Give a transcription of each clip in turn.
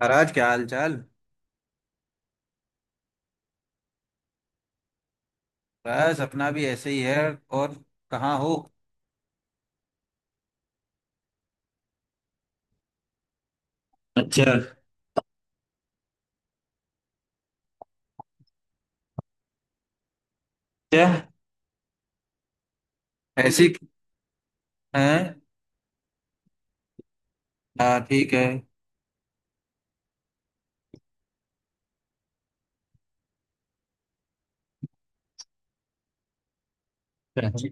महाराज, क्या हाल चाल। बस अपना भी ऐसे ही है। और कहाँ हो? अच्छा। क्या? ऐसी। है। हाँ, ठीक है। अच्छा।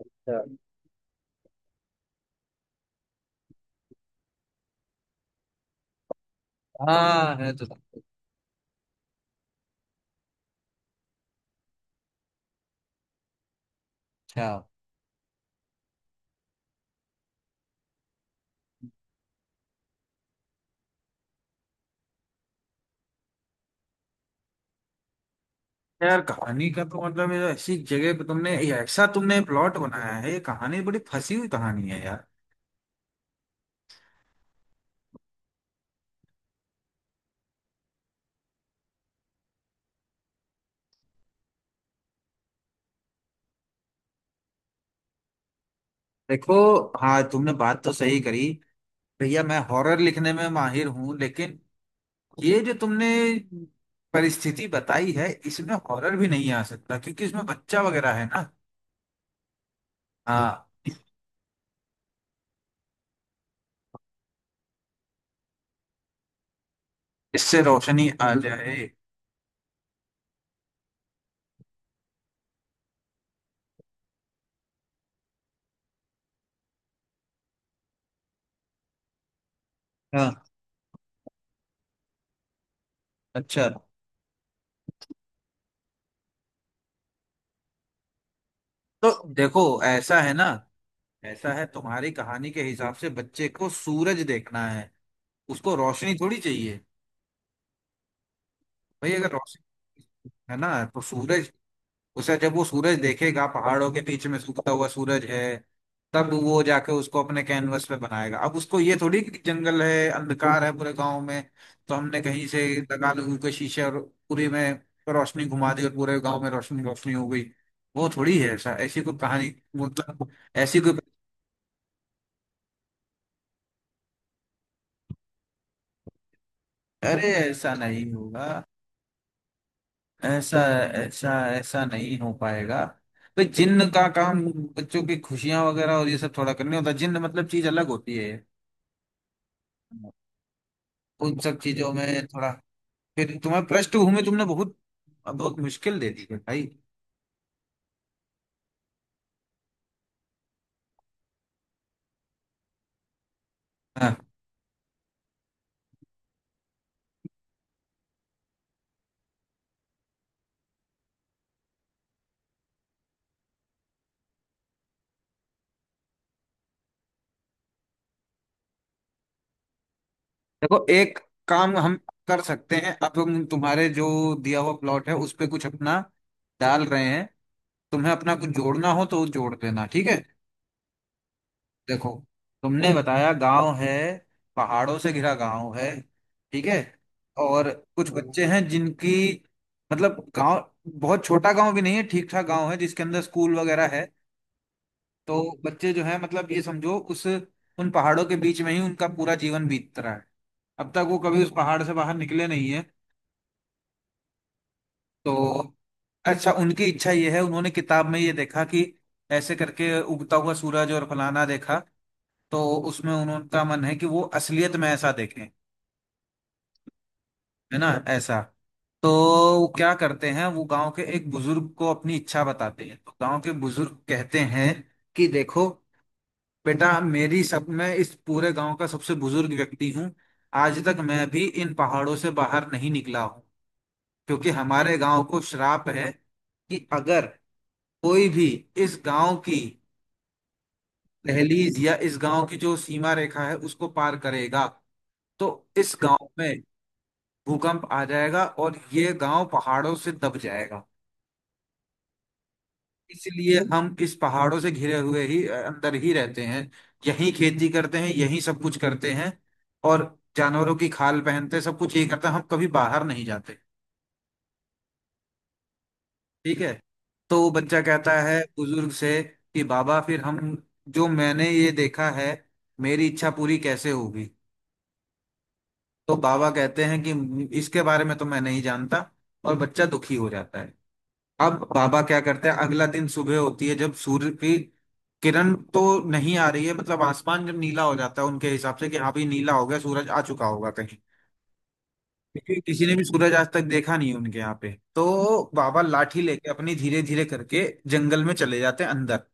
अच्छा। हाँ, है तो। अच्छा। यार, कहानी का तो मतलब है, ऐसी जगह पे तुमने प्लॉट बनाया है, ये कहानी बड़ी फंसी हुई कहानी है यार। देखो। हाँ, तुमने बात तो सही करी। भैया, मैं हॉरर लिखने में माहिर हूँ, लेकिन ये जो तुमने परिस्थिति बताई है, इसमें हॉरर भी नहीं आ सकता क्योंकि इसमें बच्चा वगैरह है ना। हाँ। इससे रोशनी आ जाए। हाँ। अच्छा। तो देखो, ऐसा है ना। ऐसा है, तुम्हारी कहानी के हिसाब से बच्चे को सूरज देखना है। उसको रोशनी थोड़ी चाहिए। भाई, अगर रोशनी है ना तो सूरज, उसे जब वो सूरज देखेगा, पहाड़ों के बीच में सूखता हुआ सूरज है, तब वो जाके उसको अपने कैनवस पे बनाएगा। अब उसको ये थोड़ी कि जंगल है, अंधकार है पूरे गांव में। तो हमने कहीं से लगा लगू के शीशे, और पूरे में रोशनी घुमा दी, और पूरे गांव में रोशनी रोशनी हो गई। वो थोड़ी है ऐसा, ऐसी कोई कहानी, मतलब ऐसी कोई। अरे, ऐसा नहीं होगा। ऐसा ऐसा ऐसा नहीं हो पाएगा। तो जिन्न का काम बच्चों की खुशियां वगैरह और ये सब थोड़ा करने होता है। जिन्न मतलब चीज अलग होती है। उन सब चीजों में थोड़ा। फिर तुम्हें पृष्ठभूमि तुमने बहुत बहुत मुश्किल दे दी है भाई। हाँ देखो, एक काम हम कर सकते हैं। अब हम तुम्हारे जो दिया हुआ प्लॉट है, उस पे कुछ अपना डाल रहे हैं। तुम्हें अपना कुछ जोड़ना हो तो जोड़ देना, ठीक है। देखो, तुमने बताया गांव है, पहाड़ों से घिरा गांव है, ठीक है। और कुछ बच्चे हैं जिनकी, मतलब गांव बहुत छोटा गांव भी नहीं है, ठीक ठाक गांव है जिसके अंदर स्कूल वगैरह है। तो बच्चे जो है, मतलब ये समझो, उस उन पहाड़ों के बीच में ही उनका पूरा जीवन बीत रहा है। अब तक वो कभी उस पहाड़ से बाहर निकले नहीं है। तो अच्छा, उनकी इच्छा ये है, उन्होंने किताब में ये देखा कि ऐसे करके उगता हुआ सूरज और फलाना देखा। तो उसमें उनका मन है कि वो असलियत में ऐसा देखें। है ना ऐसा। तो वो क्या करते हैं, वो गांव के एक बुजुर्ग को अपनी इच्छा बताते हैं, तो गांव के बुजुर्ग कहते हैं कि देखो बेटा, मेरी सब मैं इस पूरे गांव का सबसे बुजुर्ग व्यक्ति हूँ। आज तक मैं भी इन पहाड़ों से बाहर नहीं निकला हूँ, क्योंकि हमारे गांव को श्राप है कि अगर कोई भी इस गांव की दहलीज या इस गांव की जो सीमा रेखा है उसको पार करेगा, तो इस गांव में भूकंप आ जाएगा और ये गांव पहाड़ों से दब जाएगा। इसलिए हम इस पहाड़ों से घिरे हुए ही अंदर ही रहते हैं। यहीं खेती करते हैं, यहीं सब कुछ करते हैं, और जानवरों की खाल पहनते हैं, सब कुछ यही करते हैं, हम कभी बाहर नहीं जाते। ठीक है। तो वो बच्चा कहता है बुजुर्ग से कि बाबा, फिर हम, जो मैंने ये देखा है, मेरी इच्छा पूरी कैसे होगी? तो बाबा कहते हैं कि इसके बारे में तो मैं नहीं जानता। और बच्चा दुखी हो जाता है। अब बाबा क्या करते हैं, अगला दिन सुबह होती है, जब सूर्य की किरण तो नहीं आ रही है, मतलब आसमान जब नीला हो जाता है, उनके हिसाब से कि हाँ भाई नीला हो गया, सूरज आ चुका होगा कहीं, क्योंकि किसी ने भी सूरज आज तक देखा नहीं है उनके यहाँ पे, तो बाबा लाठी लेके अपनी धीरे धीरे करके जंगल में चले जाते हैं अंदर।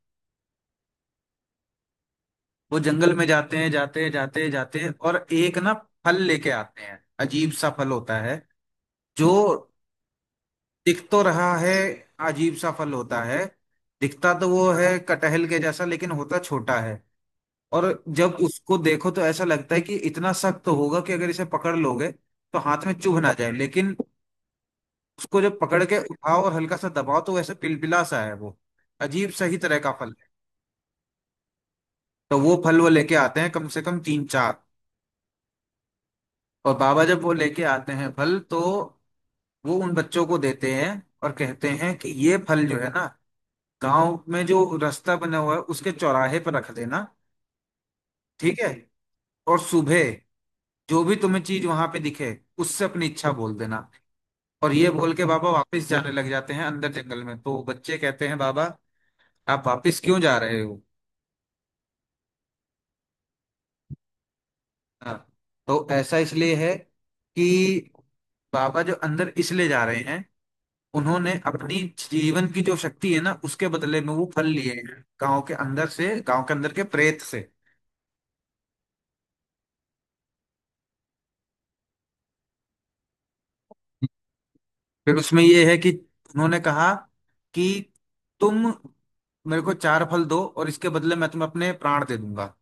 वो जंगल में जाते हैं, जाते हैं, जाते हैं, जाते हैं, और एक ना फल लेके आते हैं, अजीब सा फल होता है, जो दिख तो रहा है, अजीब सा फल होता है। दिखता तो वो है कटहल के जैसा, लेकिन होता छोटा है। और जब उसको देखो तो ऐसा लगता है कि इतना सख्त तो होगा कि अगर इसे पकड़ लोगे तो हाथ में चुभ ना जाए, लेकिन उसको जब पकड़ के उठाओ और हल्का सा दबाओ तो वैसे पिलपिला सा है वो। अजीब सही तरह का फल है। तो वो फल वो लेके आते हैं कम से कम तीन चार। और बाबा जब वो लेके आते हैं फल, तो वो उन बच्चों को देते हैं, और कहते हैं कि ये फल जो है ना, गांव में जो रास्ता बना हुआ है उसके चौराहे पर रख देना, ठीक है। और सुबह जो भी तुम्हें चीज वहां पे दिखे, उससे अपनी इच्छा बोल देना। और ये बोल के बाबा वापस जाने लग जाते हैं अंदर जंगल में, तो बच्चे कहते हैं, बाबा आप वापस क्यों जा रहे हो? हाँ। तो ऐसा इसलिए है कि बाबा जो अंदर इसलिए जा रहे हैं, उन्होंने अपनी जीवन की जो शक्ति है ना, उसके बदले में वो फल लिए हैं, गांव के अंदर से, गांव के अंदर के प्रेत से। फिर उसमें ये है कि उन्होंने कहा कि तुम मेरे को चार फल दो, और इसके बदले मैं तुम्हें अपने प्राण दे दूंगा।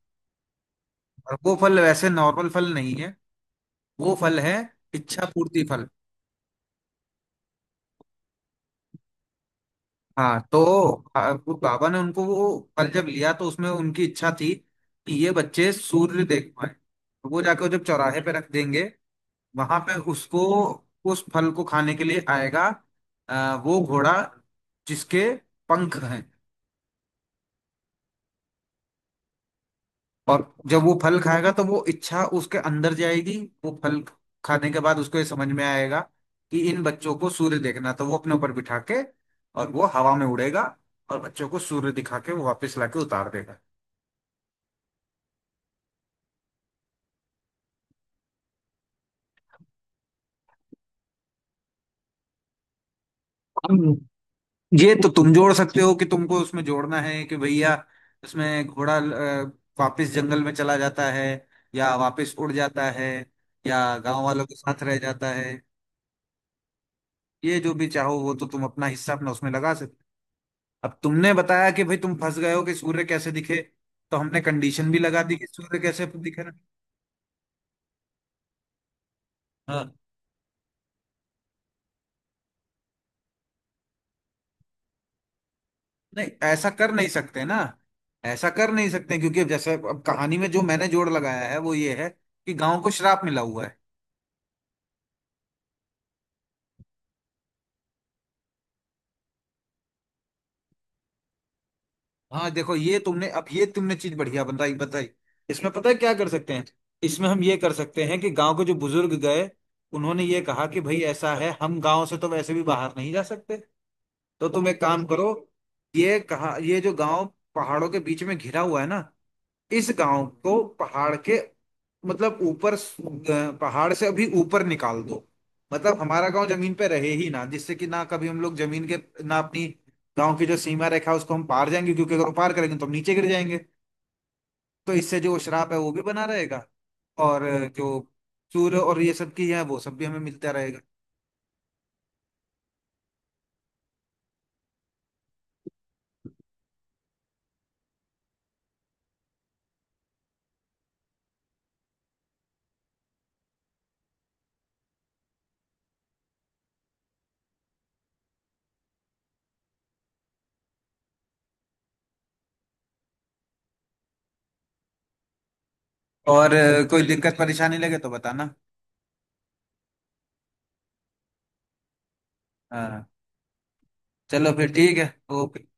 और वो फल वैसे नॉर्मल फल नहीं है, वो फल है इच्छा पूर्ति फल। हाँ तो वो बाबा ने उनको वो फल जब लिया, तो उसमें उनकी इच्छा थी कि ये बच्चे सूर्य देख पाए, तो वो जाकर जब चौराहे पे रख देंगे वहां पे, उसको उस फल को खाने के लिए आएगा, वो घोड़ा जिसके पंख हैं। और जब वो फल खाएगा तो वो इच्छा उसके अंदर जाएगी। वो फल खाने के बाद उसको ये समझ में आएगा कि इन बच्चों को सूर्य देखना, तो वो अपने ऊपर बिठा के, और वो हवा में उड़ेगा, और बच्चों को सूर्य दिखा के वो वापस लाके उतार देगा। ये तो तुम जोड़ सकते हो कि तुमको उसमें जोड़ना है कि भैया, उसमें घोड़ा वापस जंगल में चला जाता है, या वापस उड़ जाता है, या गांव वालों के साथ रह जाता है, ये जो भी चाहो, वो तो तुम अपना हिस्सा अपना उसमें लगा सकते हो। अब तुमने बताया कि भाई तुम फंस गए हो कि सूर्य कैसे दिखे, तो हमने कंडीशन भी लगा दी कि सूर्य कैसे दिखे ना। हाँ, नहीं, ऐसा कर नहीं सकते ना, ऐसा कर नहीं सकते क्योंकि अब जैसे, अब कहानी में जो मैंने जोड़ लगाया है वो ये है कि गांव को श्राप मिला हुआ है। हाँ देखो, ये तुमने चीज बढ़िया बताई बताई। इसमें पता है क्या कर सकते हैं। इसमें हम ये कर सकते हैं कि गांव के जो बुजुर्ग गए, उन्होंने ये कहा कि भाई ऐसा है, हम गांव से तो वैसे भी बाहर नहीं जा सकते। तो तुम एक काम करो, ये कहा, ये जो गांव पहाड़ों के बीच में घिरा हुआ है ना, इस गांव को पहाड़ के मतलब ऊपर पहाड़ से अभी ऊपर निकाल दो। मतलब हमारा गांव जमीन पे रहे ही ना, जिससे कि ना कभी हम लोग जमीन के, ना अपनी गांव की जो सीमा रेखा है उसको हम पार जाएंगे, क्योंकि अगर वो पार करेंगे तो हम नीचे गिर जाएंगे। तो इससे जो श्राप है वो भी बना रहेगा, और जो सूर्य और ये सब की है वो सब भी हमें मिलता रहेगा। और कोई दिक्कत परेशानी लगे तो बताना। हाँ, चलो फिर, ठीक है, ओके।